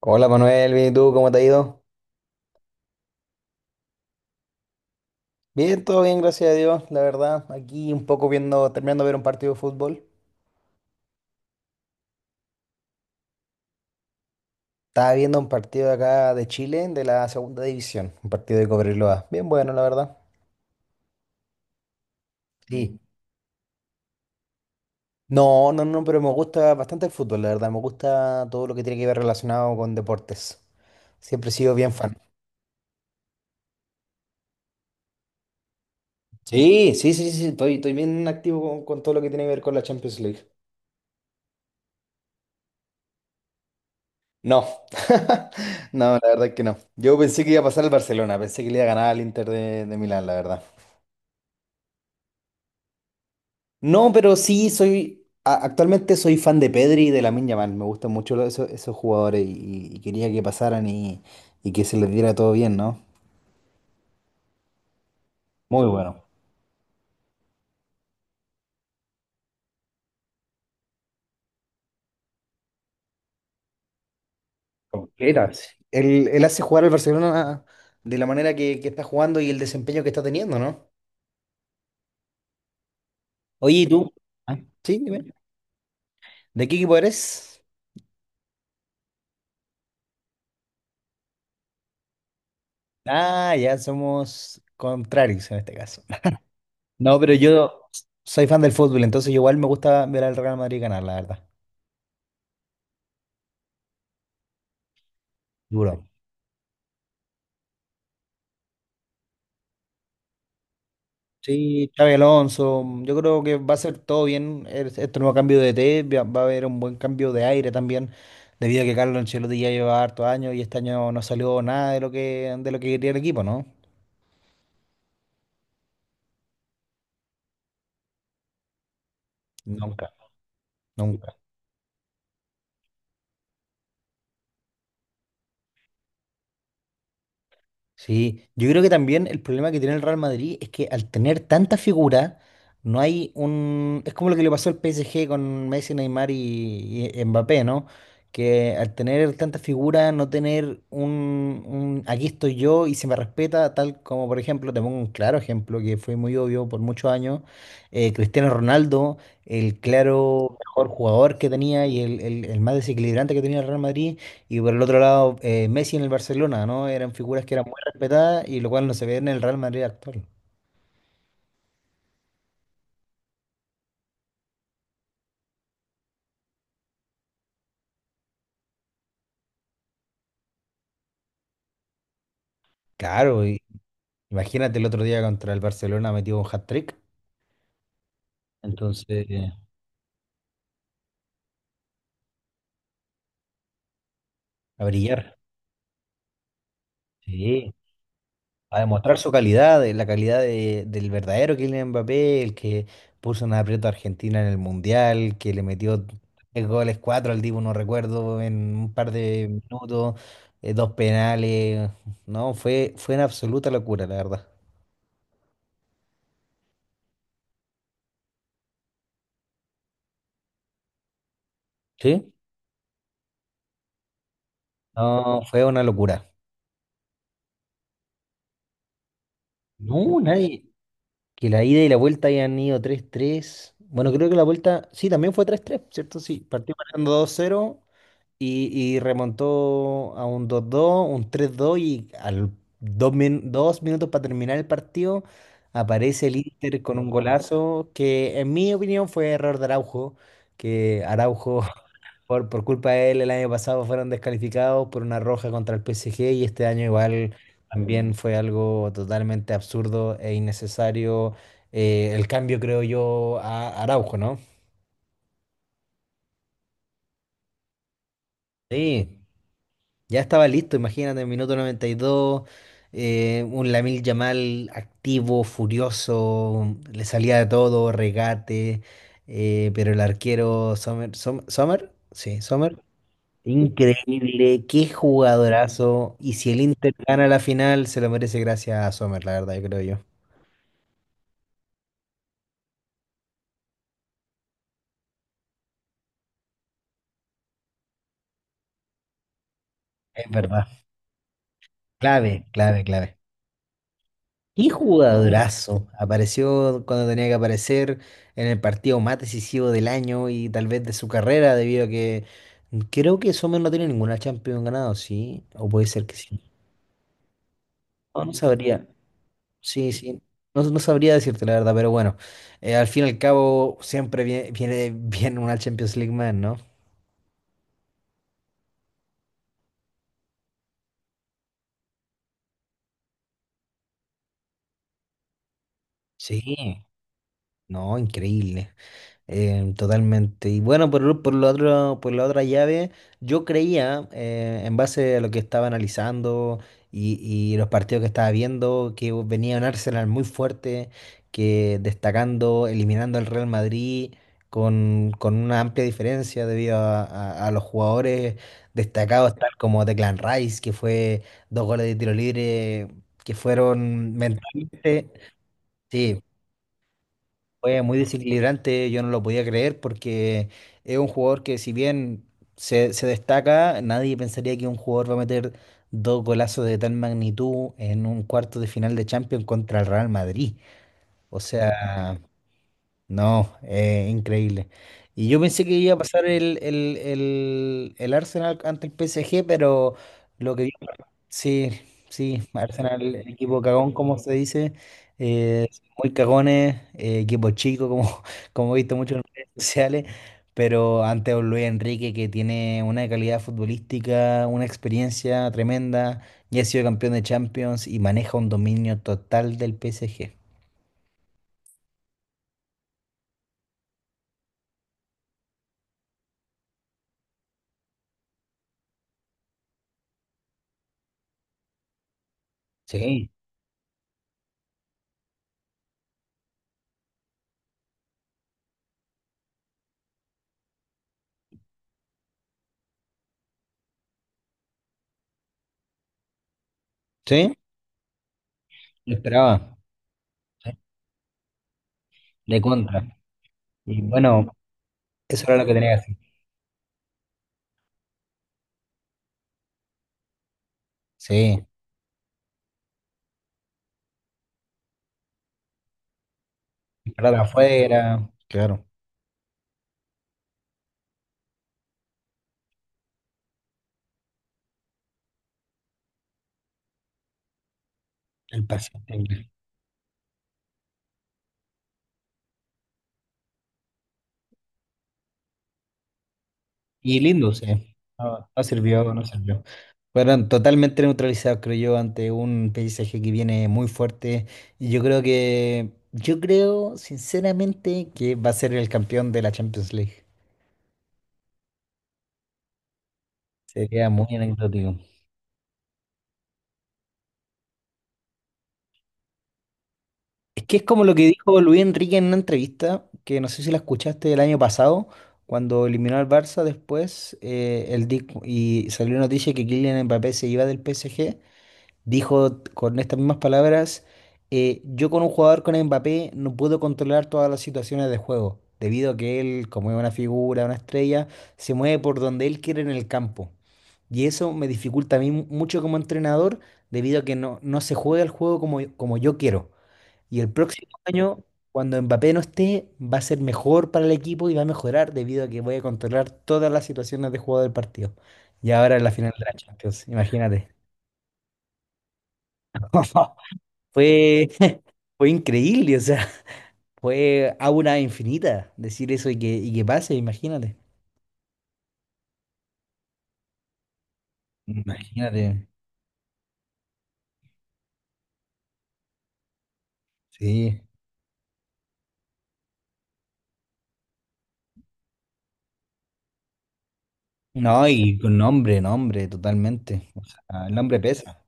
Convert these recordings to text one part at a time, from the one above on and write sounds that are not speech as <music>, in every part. Hola Manuel, bien, ¿y tú? ¿Cómo te ha ido? Bien, todo bien, gracias a Dios, la verdad. Aquí un poco viendo, terminando de ver un partido de fútbol. Estaba viendo un partido de acá de Chile, de la segunda división, un partido de Cobreloa. Bien bueno, la verdad. Sí. No, no, no, pero me gusta bastante el fútbol, la verdad. Me gusta todo lo que tiene que ver relacionado con deportes. Siempre he sido bien fan. Sí, sí, sí, sí, estoy bien activo con todo lo que tiene que ver con la Champions League. No, <laughs> no, la verdad que no. Yo pensé que iba a pasar al Barcelona, pensé que le iba a ganar al Inter de Milán, la verdad. No, pero sí soy, actualmente soy fan de Pedri y de Lamine Yamal, me gustan mucho esos jugadores y quería que pasaran y que se les diera todo bien, ¿no? Muy bueno. Completa. Sí. Él hace jugar al Barcelona de la manera que está jugando y el desempeño que está teniendo, ¿no? Oye, ¿y tú? Ah. Sí, dime. ¿De qué equipo eres? Ah, ya somos contrarios en este caso. No, pero yo soy fan del fútbol, entonces igual me gusta ver al Real Madrid ganar, la verdad. Duro. Sí, Xabi Alonso, yo creo que va a ser todo bien este nuevo cambio de E T, va a haber un buen cambio de aire también, debido a que Carlos Ancelotti ya lleva harto años y este año no salió nada de lo que quería el equipo, ¿no? Nunca, nunca. Sí, yo creo que también el problema que tiene el Real Madrid es que al tener tanta figura, no hay un. Es como lo que le pasó al PSG con Messi, Neymar y Mbappé, ¿no? Que al tener tanta figura, no tener un aquí estoy yo y se me respeta, tal como por ejemplo, te pongo un claro ejemplo que fue muy obvio por muchos años, Cristiano Ronaldo, el claro mejor jugador que tenía y el más desequilibrante que tenía el Real Madrid. Y por el otro lado, Messi en el Barcelona, ¿no? Eran figuras que eran respetada y lo cual no se ve en el Real Madrid actual. Claro, y imagínate el otro día contra el Barcelona metió un hat-trick, entonces a brillar, sí, a demostrar su calidad, la calidad del verdadero Kylian Mbappé, el que puso una aprieto a Argentina en el Mundial, que le metió tres goles, cuatro al Divo, no recuerdo, en un par de minutos, dos penales, no, fue una absoluta locura, la verdad. ¿Sí? No, fue una locura. No, nadie. Que la ida y la vuelta hayan ido 3-3. Bueno, creo que la vuelta, sí, también fue 3-3, ¿cierto? Sí, partió ganando 2-0 y remontó a un 2-2 un 3-2 y al dos, 2 minutos para terminar el partido aparece el Inter con un golazo que en mi opinión fue error de Araujo, que Araujo por culpa de él, el año pasado fueron descalificados por una roja contra el PSG y este año igual también fue algo totalmente absurdo e innecesario, el cambio, creo yo, a Araujo, ¿no? Sí, ya estaba listo, imagínate, en minuto 92, un Lamil Yamal activo, furioso, le salía de todo, regate, pero el arquero Sommer, Sommer, sí, Sommer. Increíble, qué jugadorazo. Y si el Inter gana la final, se lo merece gracias a Sommer, la verdad, yo creo yo. Es verdad. Clave, clave, clave. Qué jugadorazo. Apareció cuando tenía que aparecer en el partido más decisivo del año y tal vez de su carrera, debido a que creo que Sommer no tiene ninguna Champions ganado, ¿sí? O puede ser que sí. No, no sabría. Sí, sí. No, no sabría decirte la verdad, pero bueno. Al fin y al cabo, siempre viene bien una Champions League más, ¿no? Sí, no, increíble, totalmente. Y bueno, por lo otro, por la otra llave, yo creía, en base a lo que estaba analizando y los partidos que estaba viendo, que venía un Arsenal muy fuerte, que destacando, eliminando al Real Madrid con una amplia diferencia, debido a los jugadores destacados, tal como Declan Rice, que fue dos goles de tiro libre, que fueron mentalmente. Sí, fue muy desequilibrante, yo no lo podía creer porque es un jugador que si bien se destaca, nadie pensaría que un jugador va a meter dos golazos de tal magnitud en un cuarto de final de Champions contra el Real Madrid. O sea, no, increíble. Y yo pensé que iba a pasar el Arsenal ante el PSG, pero lo que vi. Sí, sí, Arsenal, equipo cagón, como se dice, eh, muy cagones, equipo chico, como, <laughs> como he visto mucho en redes sociales, pero ante un Luis Enrique que tiene una calidad futbolística, una experiencia tremenda, ya ha sido campeón de Champions y maneja un dominio total del PSG. Sí, sí, lo esperaba, sí, de contra. Y bueno, eso era lo que tenía que hacer. Sí, para afuera, claro, el paciente. Y lindo, sí. No, no sirvió, no sirvió. Fueron totalmente neutralizados, creo yo, ante un paisaje que viene muy fuerte. Y yo creo que, yo creo sinceramente que va a ser el campeón de la Champions League. Sería muy anecdótico. Es que es como lo que dijo Luis Enrique en una entrevista, que no sé si la escuchaste el año pasado, cuando eliminó al Barça después, y salió noticia que Kylian Mbappé se iba del PSG. Dijo con estas mismas palabras, yo con un jugador con Mbappé no puedo controlar todas las situaciones de juego, debido a que él, como es una figura, una estrella, se mueve por donde él quiere en el campo. Y eso me dificulta a mí mucho como entrenador, debido a que no, no se juega el juego como yo quiero. Y el próximo año, cuando Mbappé no esté, va a ser mejor para el equipo y va a mejorar, debido a que voy a controlar todas las situaciones de juego del partido. Y ahora en la final de la Champions, imagínate. <laughs> Fue, <laughs> fue increíble, o sea, <laughs> fue aura infinita decir eso y que, pase, imagínate. Imagínate, sí. No, y con nombre, nombre, totalmente. O sea, el nombre pesa.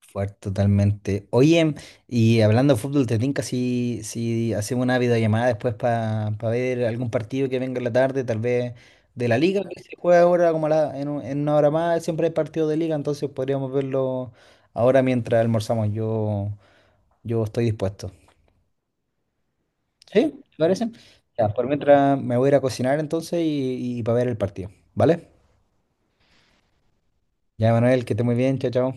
Fuerte, totalmente. Oye, y hablando de fútbol, ¿te tinca si hacemos una videollamada después para ver algún partido que venga en la tarde, tal vez de la liga que se juega ahora como a la- en, un- en una hora más? Siempre hay partido de liga, entonces podríamos verlo ahora mientras almorzamos. Yo estoy dispuesto. ¿Sí? ¿Te parece? Ya, por mientras me voy a ir a cocinar entonces y para ver el partido. ¿Vale? Ya, Manuel, que esté muy bien. Chao, chao.